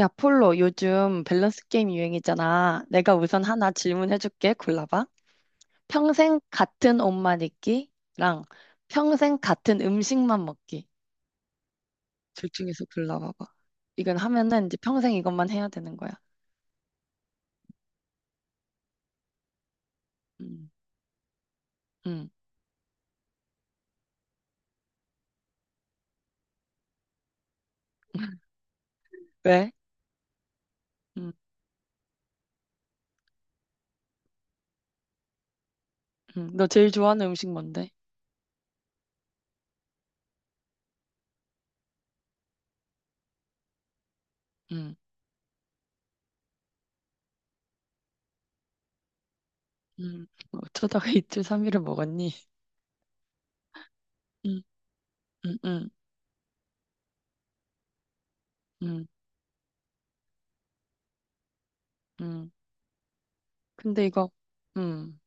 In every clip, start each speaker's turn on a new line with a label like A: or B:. A: 야, 폴로, 요즘 밸런스 게임 유행이잖아. 내가 우선 하나 질문해줄게. 골라봐. 평생 같은 옷만 입기랑 평생 같은 음식만 먹기. 둘 중에서 골라봐봐. 이건 하면은 이제 평생 이것만 해야 되는 거야. 음, 음. 왜? 음, 너 제일 좋아하는 음식 뭔데? 음, 음. 뭐 어쩌다가 이틀 삼일을 먹었니? 음, 음, 음, 음, 음. 근데 이거, 음.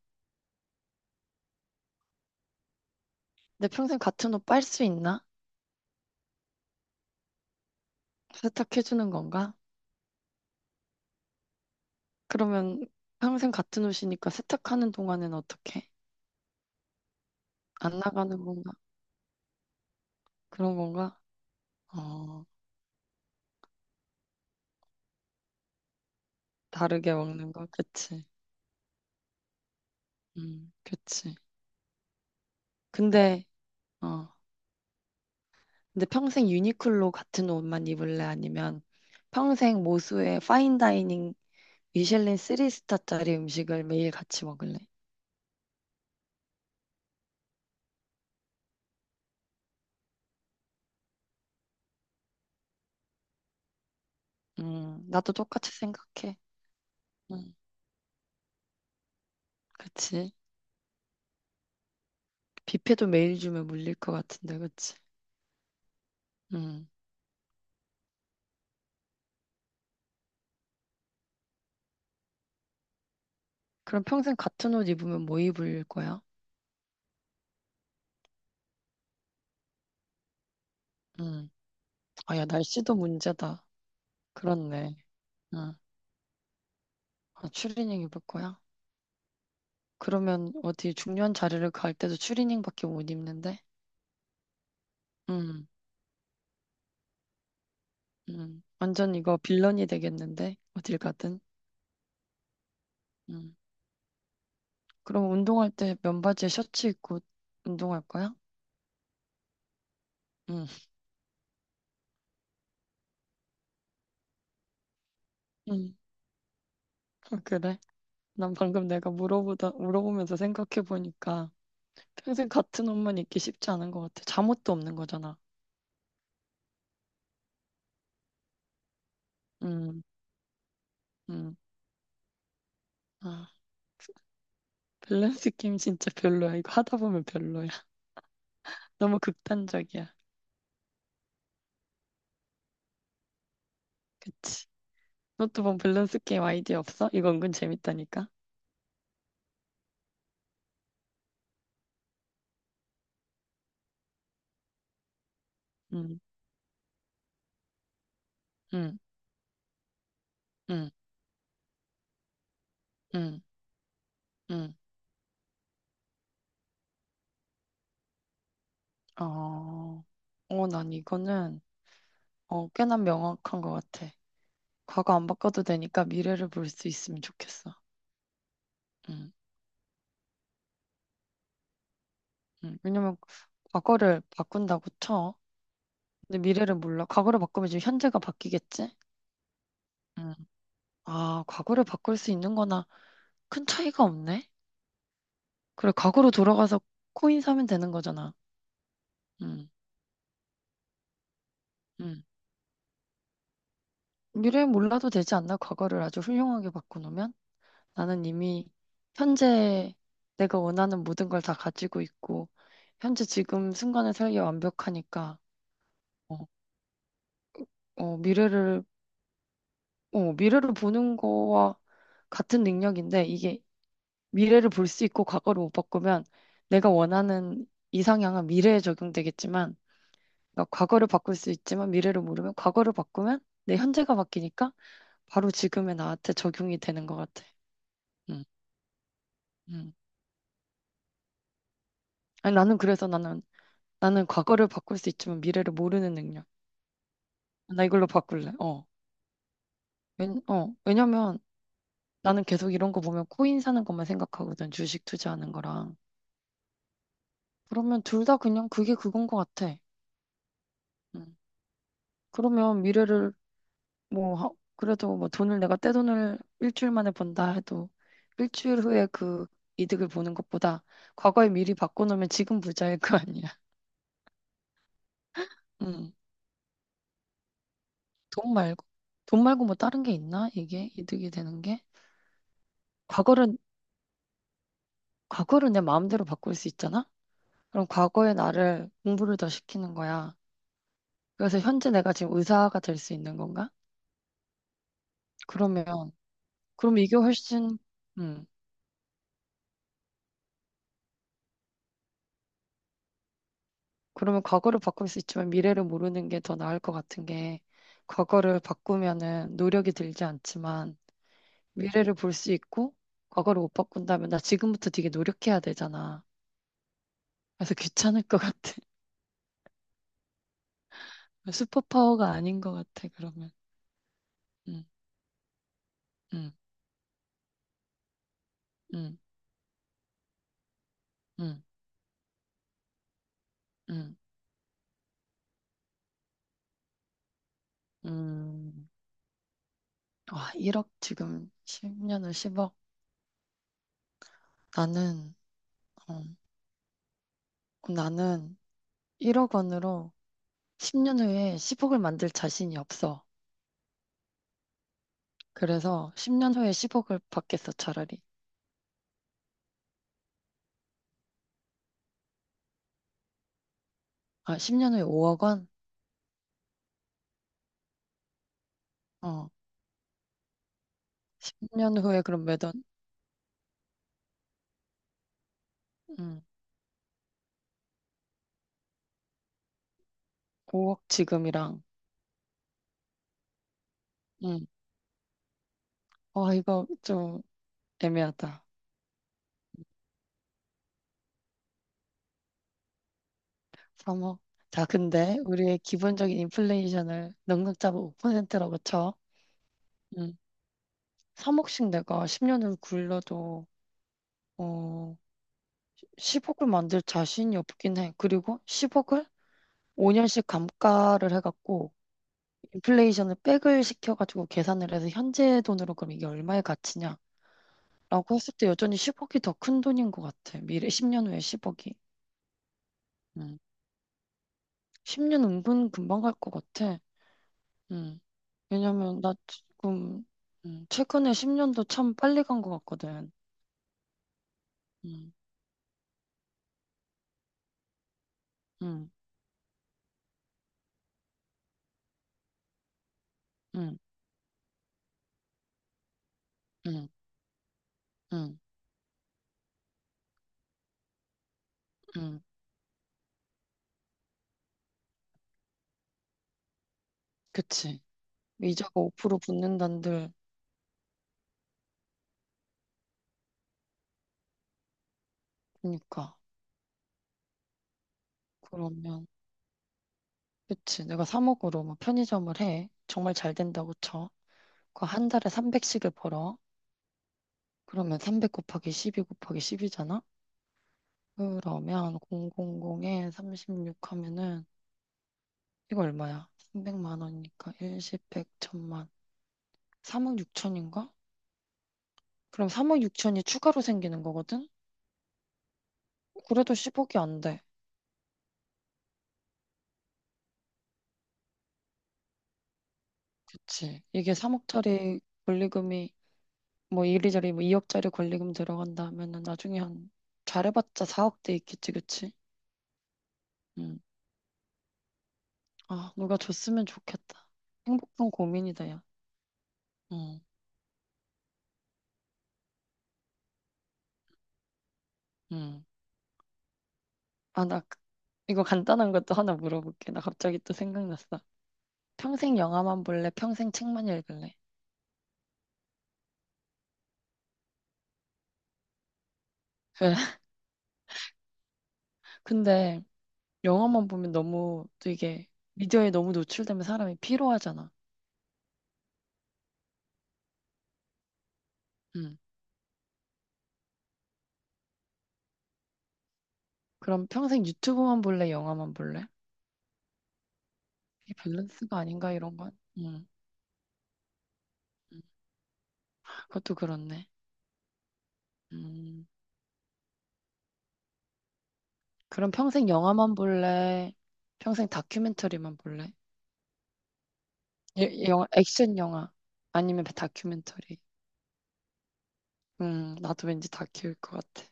A: 내 평생 같은 옷 빨 수 있나? 세탁해주는 건가? 그러면 평생 같은 옷이니까 세탁하는 동안엔 어떻게? 안 나가는 건가? 그런 건가? 어, 다르게 먹는 거? 그치. 그치. 근데, 어, 근데 평생 유니클로 같은 옷만 입을래? 아니면 평생 모수의 파인다이닝 미슐린 3스타짜리 음식을 매일 같이 먹을래? 나도 똑같이 생각해. 음, 그치. 뷔페도 매일 주면 물릴 것 같은데, 그치. 음, 그럼 평생 같은 옷 입으면 뭐 입을 거야? 음. 아, 야, 날씨도 문제다. 그렇네. 응. 아, 추리닝 입을 거야? 그러면 어디 중요한 자리를 갈 때도 추리닝밖에 못 입는데? 응, 응. 완전 이거 빌런이 되겠는데? 어딜 가든. 응. 그럼 운동할 때 면바지에 셔츠 입고 운동할 거야? 응, 응. 아, 그래? 난 방금 내가 물어보면서 생각해보니까 평생 같은 옷만 입기 쉽지 않은 것 같아. 잠옷도 없는 거잖아. 응, 응. 아, 밸런스 게임 진짜 별로야. 이거 하다 보면 별로야. 너무 극단적이야. 그치. 노트북 밸런스 게임 아이디어 없어? 이거 은근 재밌다니까. 응, 응, 응, 응, 응. 어, 난 이거는 꽤나 명확한 것 같아. 과거 안 바꿔도 되니까 미래를 볼 수 있으면 좋겠어. 응, 응. 왜냐면 과거를 바꾼다고 쳐. 근데 미래를 몰라. 과거를 바꾸면 지금 현재가 바뀌겠지? 응. 아, 과거를 바꿀 수 있는 거나 큰 차이가 없네? 그래, 과거로 돌아가서 코인 사면 되는 거잖아. 응. 응. 미래 몰라도 되지 않나? 과거를 아주 훌륭하게 바꿔놓으면? 나는 이미 현재 내가 원하는 모든 걸 다 가지고 있고, 현재 지금 순간의 살기 완벽하니까, 어, 어, 미래를, 미래를 보는 거와 같은 능력인데, 이게 미래를 볼 수 있고 과거를 못 바꾸면 내가 원하는 이상향은 미래에 적용되겠지만, 그러니까 과거를 바꿀 수 있지만 미래를 모르면 과거를 바꾸면 내 현재가 바뀌니까 바로 지금의 나한테 적용이 되는 것 같아. 음, 음. 아니, 나는 과거를 바꿀 수 있지만 미래를 모르는 능력. 나 이걸로 바꿀래. 왜, 어. 왜냐면 나는 계속 이런 거 보면 코인 사는 것만 생각하거든. 주식 투자하는 거랑. 그러면 둘 다 그냥 그게 그건 것 같아. 음. 그러면 그래도 뭐 돈을 내가 떼돈을 일주일 만에 번다 해도 일주일 후에 그 이득을 보는 것보다 과거에 미리 바꿔놓으면 지금 부자일 거 아니야. 음. 돈 말고. 돈 말고 뭐 다른 게 있나? 이게 이득이 되는 게? 과거를 과거를 내 마음대로 바꿀 수 있잖아? 그럼 과거의 나를 공부를 더 시키는 거야. 그래서 현재 내가 지금 의사가 될 수 있는 건가? 그러면, 그럼 이게 훨씬, 음, 그러면 과거를 바꿀 수 있지만 미래를 모르는 게 더 나을 것 같은 게, 과거를 바꾸면은 노력이 들지 않지만, 미래를 볼 수 있고, 과거를 못 바꾼다면 나 지금부터 되게 노력해야 되잖아. 그래서 귀찮을 것 같아. 슈퍼파워가 아닌 것 같아, 그러면. 음, 음, 음, 음, 음, 음. 아, 1억 지금 10년을 10억. 나는, 어, 나는 1억 원으로 10년 후에 10억을 만들 자신이 없어. 그래서 10년 후에 10억을 받겠어, 차라리. 아, 10년 후에 5억 원? 어, 10년 후에 그럼 몇 원? 응, 5억 지금이랑, 응, 와, 이거 좀 애매하다. 3억. 자, 근데 우리의 기본적인 인플레이션을 넉넉 잡아 5%라고 쳐. 응, 3억씩 내가 10년을 굴러도, 어, 10억을 만들 자신이 없긴 해. 그리고 10억을 5년씩 감가를 해갖고 인플레이션을 백을 시켜가지고 계산을 해서 현재 돈으로 그럼 이게 얼마의 가치냐라고 했을 때 여전히 10억이 더 큰 돈인 것 같아. 미래 10년 후에 10억이. 음. 10년 은근 금방 갈 것 같아. 음. 왜냐면 나 지금 최근에 10년도 참 빨리 간 것 같거든. 음. 음. 음. 음. 음. 음. 그치. 이자가 5% 붙는단들. 그러니까. 그러면 그치. 내가 3억으로 뭐 편의점을 해. 정말 잘 된다고 쳐. 그 한 달에 300씩을 벌어. 그러면 300 곱하기 12 곱하기 10이잖아? 그러면 000에 36 하면은 이거 얼마야? 300만 원이니까 10, 100, 1000만. 3억 6천인가? 그럼 3억 6천이 추가로 생기는 거거든? 그래도 10억이 안 돼. 그치. 이게 3억짜리 권리금이 뭐 이리저리 뭐 2억짜리 권리금 들어간다 하면은 나중에 한 잘해봤자 4억대 있겠지, 그치? 음. 아, 누가 줬으면 좋겠다. 행복한 고민이다, 야. 응, 응. 아, 나 이거 간단한 것도 하나 물어볼게. 나 갑자기 또 생각났어. 평생 영화만 볼래? 평생 책만 읽을래? 왜? 근데 영화만 보면 너무 또 이게 미디어에 너무 노출되면 사람이 피로하잖아. 응. 그럼 평생 유튜브만 볼래? 영화만 볼래? 이게 밸런스가 아닌가, 이런 건? 응. 응. 그것도 그렇네. 음. 그럼 평생 영화만 볼래? 평생 다큐멘터리만 볼래? 영화, 액션 영화 아니면 다큐멘터리. 나도 왠지 다큐일 것 같아.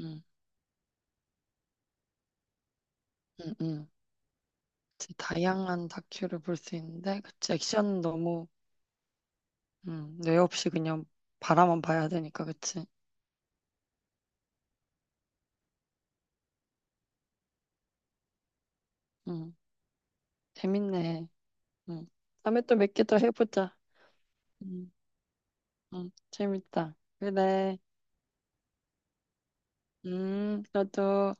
A: 음, 음, 음. 이제 다양한 다큐를 볼 수 있는데, 그치, 액션은 너무, 뇌 없이 그냥 바라만 봐야 되니까, 그치. 음, 재밌네. 음. 다음에 또 몇 개 더 해보자. 음, 재밌다. 그래. 너도.